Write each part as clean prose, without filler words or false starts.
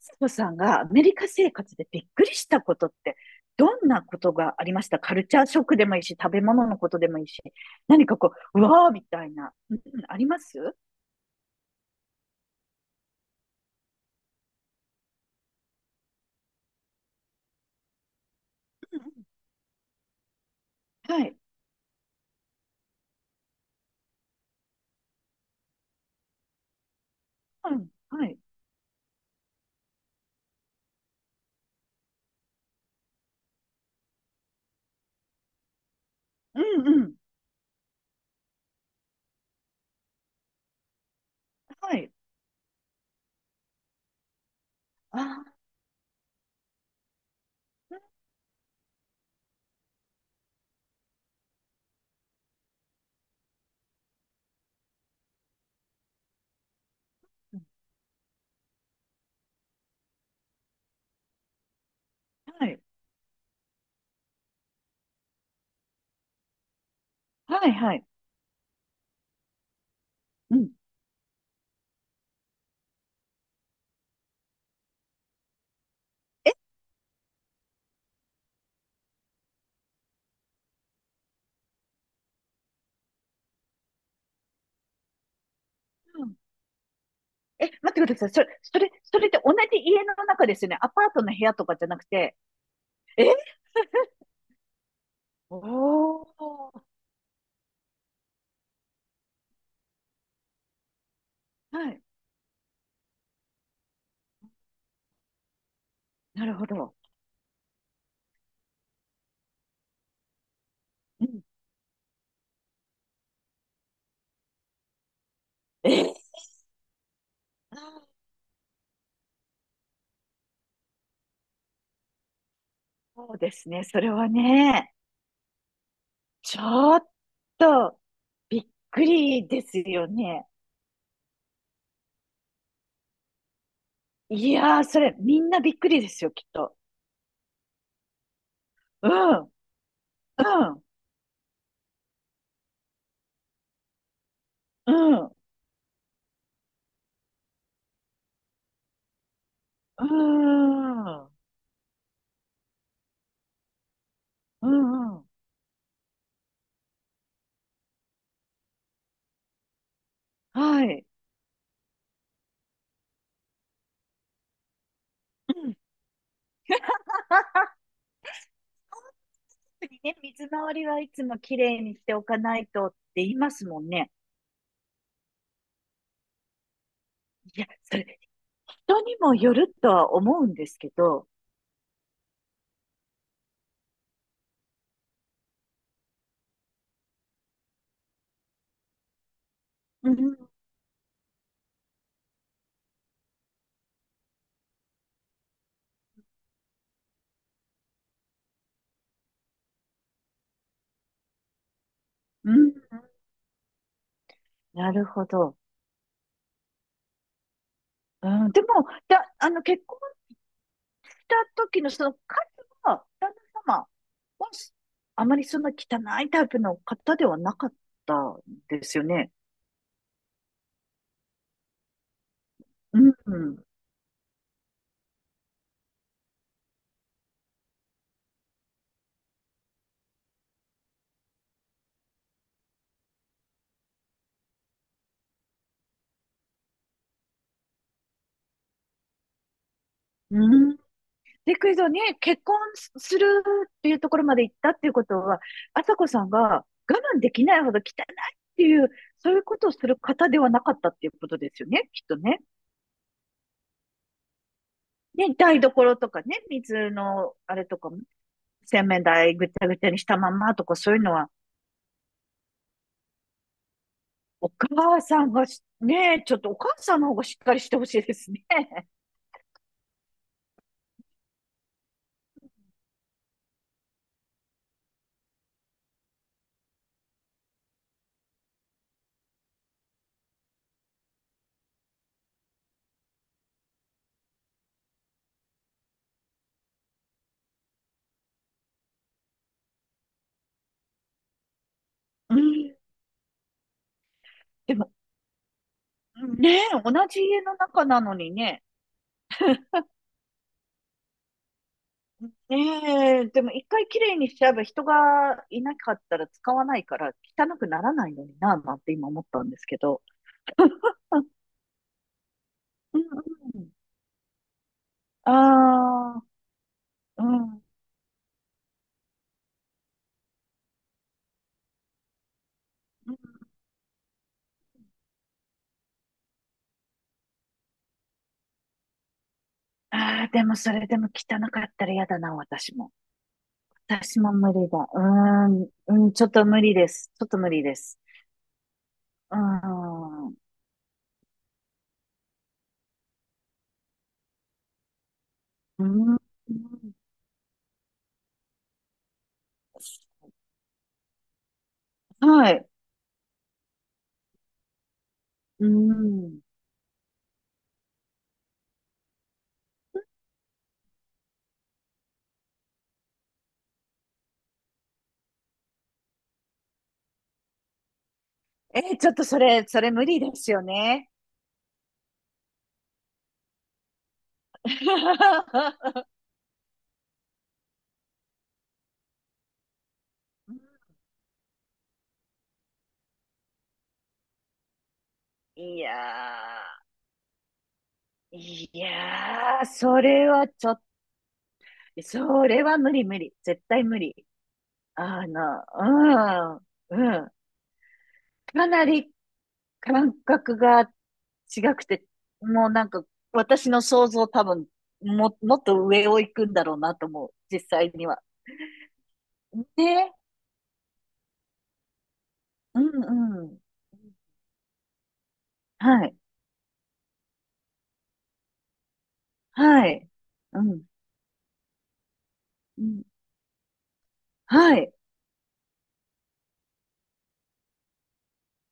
つ子さんがアメリカ生活でびっくりしたことって、どんなことがありましたカルチャーショックでもいいし、食べ物のことでもいいし、何かこう、うわーみたいな、うん、ありますうんうんはい。うん、はい。うん、うん。はい。あー、うん、はい。はい、はい。うん。え、うん、え、待ってください。それって同じ家の中ですよね。アパートの部屋とかじゃなくて。えおー。はい。なるほど。うん。えあーそうですね。それはね、ちょっとびっくりですよね。いやー、それみんなびっくりですよ、きっと。うん、うん、うん、うん、うん、うん。はい。うん。特にね、水回りはいつもきれいにしておかないとって言いますもんね。いや、それ、人にもよるとは思うんですけど。うん、うん、なるほど。うん、でも、あの、結婚た時のその彼は、旦那様は、あまりそんな汚いタイプの方ではなかったんですよね。うんうんうん。で、クイズはね、結婚するっていうところまで行ったっていうことは、朝子さんが我慢できないほど汚いっていう、そういうことをする方ではなかったっていうことですよね、きっとね。ね、台所とかね、水のあれとかも、洗面台ぐちゃぐちゃにしたまんまとかそういうのはお母さんがし、ねえ、ちょっとお母さんの方がしっかりしてほしいですね。うん。でも、ねえ、同じ家の中なのにね。ねえ、でも一回きれいにしちゃえば人がいなかったら使わないから汚くならないのにな、なんて今思ったんですけど。うんうん。ああ、うん。うんああ、でもそれでも汚かったら嫌だな、私も。私も無理だ。うーん、うん、ちょっと無理です。ちょっと無理です。うーん、うん。はい。うん。え、ちょっとそれ、それ無理ですよね。いやー、いやー、それはちょっと、それは無理無理。絶対無理。あの、うん、うん。かなり感覚が違くて、もうなんか私の想像多分、もっと上を行くんだろうなと思う。実際には。ね。うんうん。はい。はい。うん。うん。はい。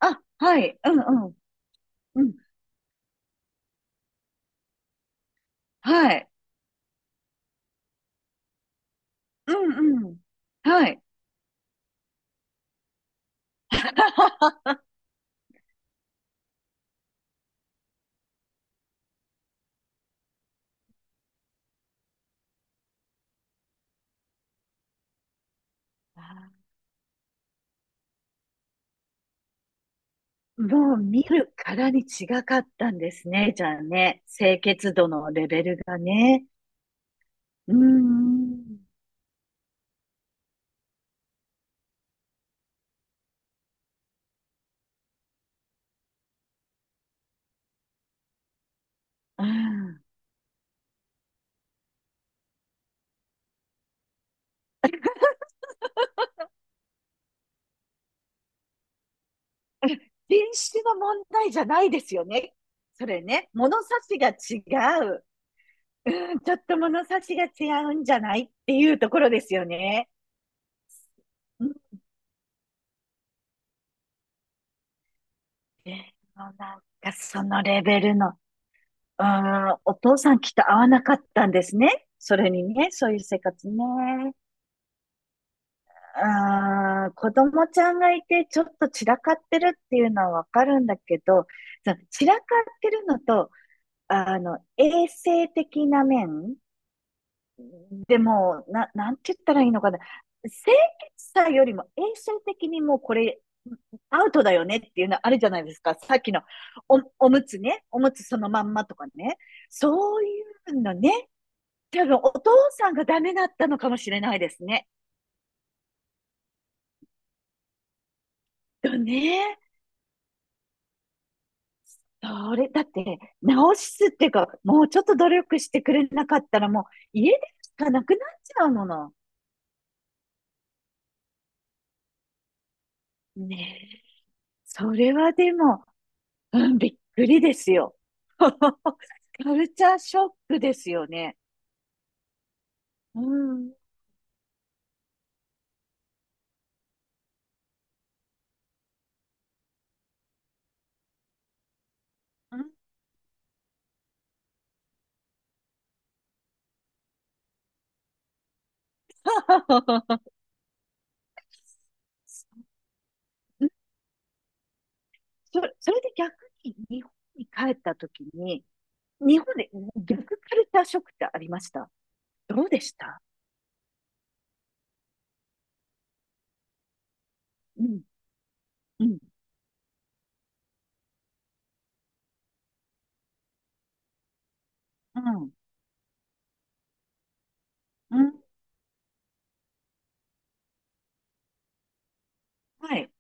あ、はい。うんうん。うん。はい。うんうん。はい。あーもう見るからに違かったんですね、じゃあね。清潔度のレベルがね。うーん。うん。品種の問題じゃないですよね。それね。物差しが違う。うん、ちょっと物差しが違うんじゃないっていうところですよね。うん。でもなんかそのレベルのああ、お父さんきっと合わなかったんですね。それにね、そういう生活ね。ああ、子供ちゃんがいてちょっと散らかってるっていうのはわかるんだけど、その散らかってるのと、あの、衛生的な面でもう、なんて言ったらいいのかな。清潔さよりも衛生的にもうこれアウトだよねっていうのあるじゃないですか。さっきのお、おむつね。おむつそのまんまとかね。そういうのね。多分お父さんがダメだったのかもしれないですね。だね。それ、だって、直すっていうか、もうちょっと努力してくれなかったら、もう家でしかなくなっちゃうもの。ねえ。それはでも、うん、びっくりですよ。カルチャーショックですよね。うん。そ、それで逆に日本に帰った時に、日本で逆カルチャーショックってありましたどうでしたうん。うん。うん。うん。はい。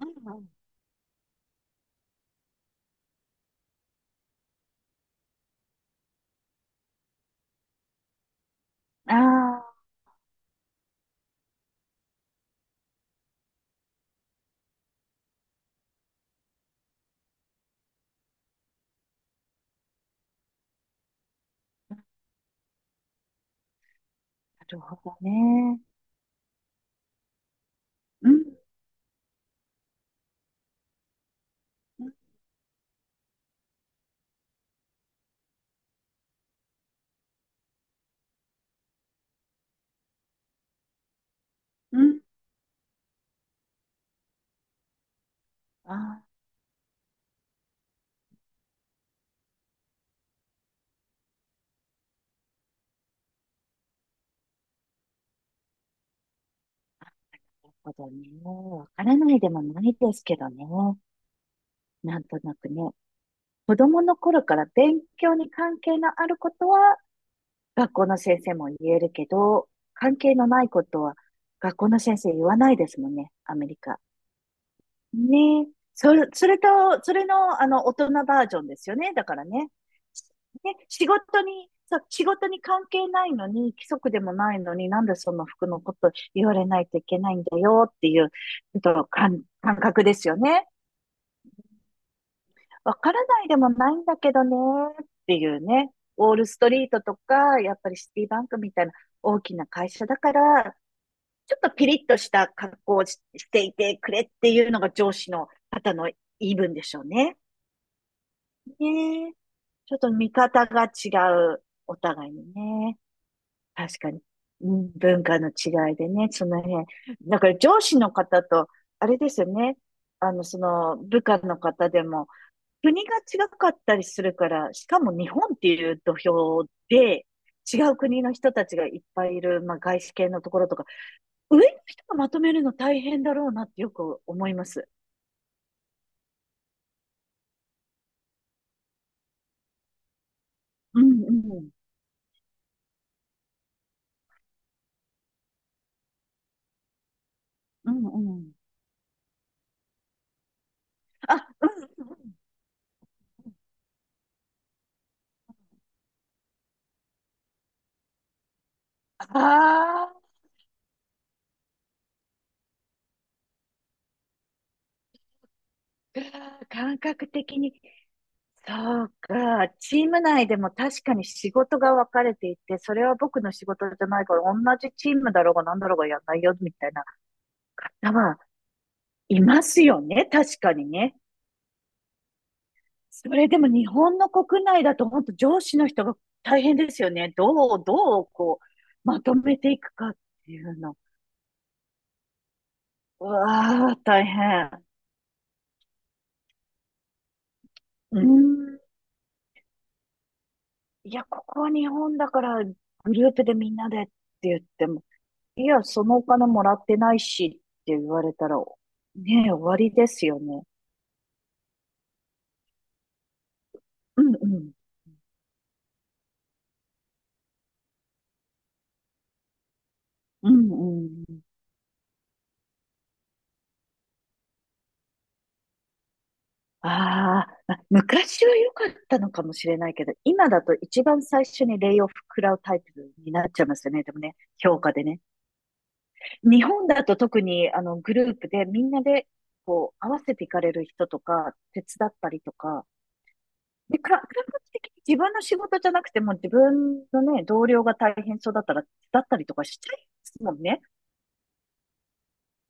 うん。うん、ああ、なるほどね。うん。うん。うんああ、なるほどね。わからないでもないですけどね。なんとなくね。子供の頃から勉強に関係のあることは学校の先生も言えるけど、関係のないことは学校の先生言わないですもんね。アメリカ。ねえ。それ、それと、それの、あの、大人バージョンですよね。だからね。ね、仕事に関係ないのに、規則でもないのに、なんでその服のこと言われないといけないんだよっていう、ちょっと感覚ですよね。わからないでもないんだけどね、っていうね。ウォールストリートとか、やっぱりシティバンクみたいな大きな会社だから、ちょっとピリッとした格好をししていてくれっていうのが上司の方の言い分でしょうね。ねえ、ちょっと見方が違う、お互いにね。確かに。うん文化の違いでね、その辺。だから上司の方と、あれですよね。あの、その部下の方でも、国が違かったりするから、しかも日本っていう土俵で、違う国の人たちがいっぱいいる、まあ、外資系のところとか、上の人がまとめるの大変だろうなってよく思います。うんうん。うんうん。あ、うん。ああ。うわー感覚的に、そうか、チーム内でも確かに仕事が分かれていて、それは僕の仕事じゃないから、同じチームだろうが何だろうがやんないよ、みたいな。だわ、いますよね、確かにね。それでも日本の国内だと本当上司の人が大変ですよね。どう、どう、こう、まとめていくかっていうの。うわあ、大変。うーん。いや、ここは日本だから、グループでみんなでって言っても、いや、そのお金もらってないしって言われたら、ねえ、終わりですよね。うんうん。うんうん。あーあ、昔は良かったのかもしれないけど、今だと一番最初にレイオフ食らうタイプになっちゃいますよね。でもね、評価でね。日本だと特にあのグループでみんなでこう合わせていかれる人とか、手伝ったりとか、で、感覚的に自分の仕事じゃなくても自分のね、同僚が大変そうだったら手伝ったりとかしちゃいますもんね。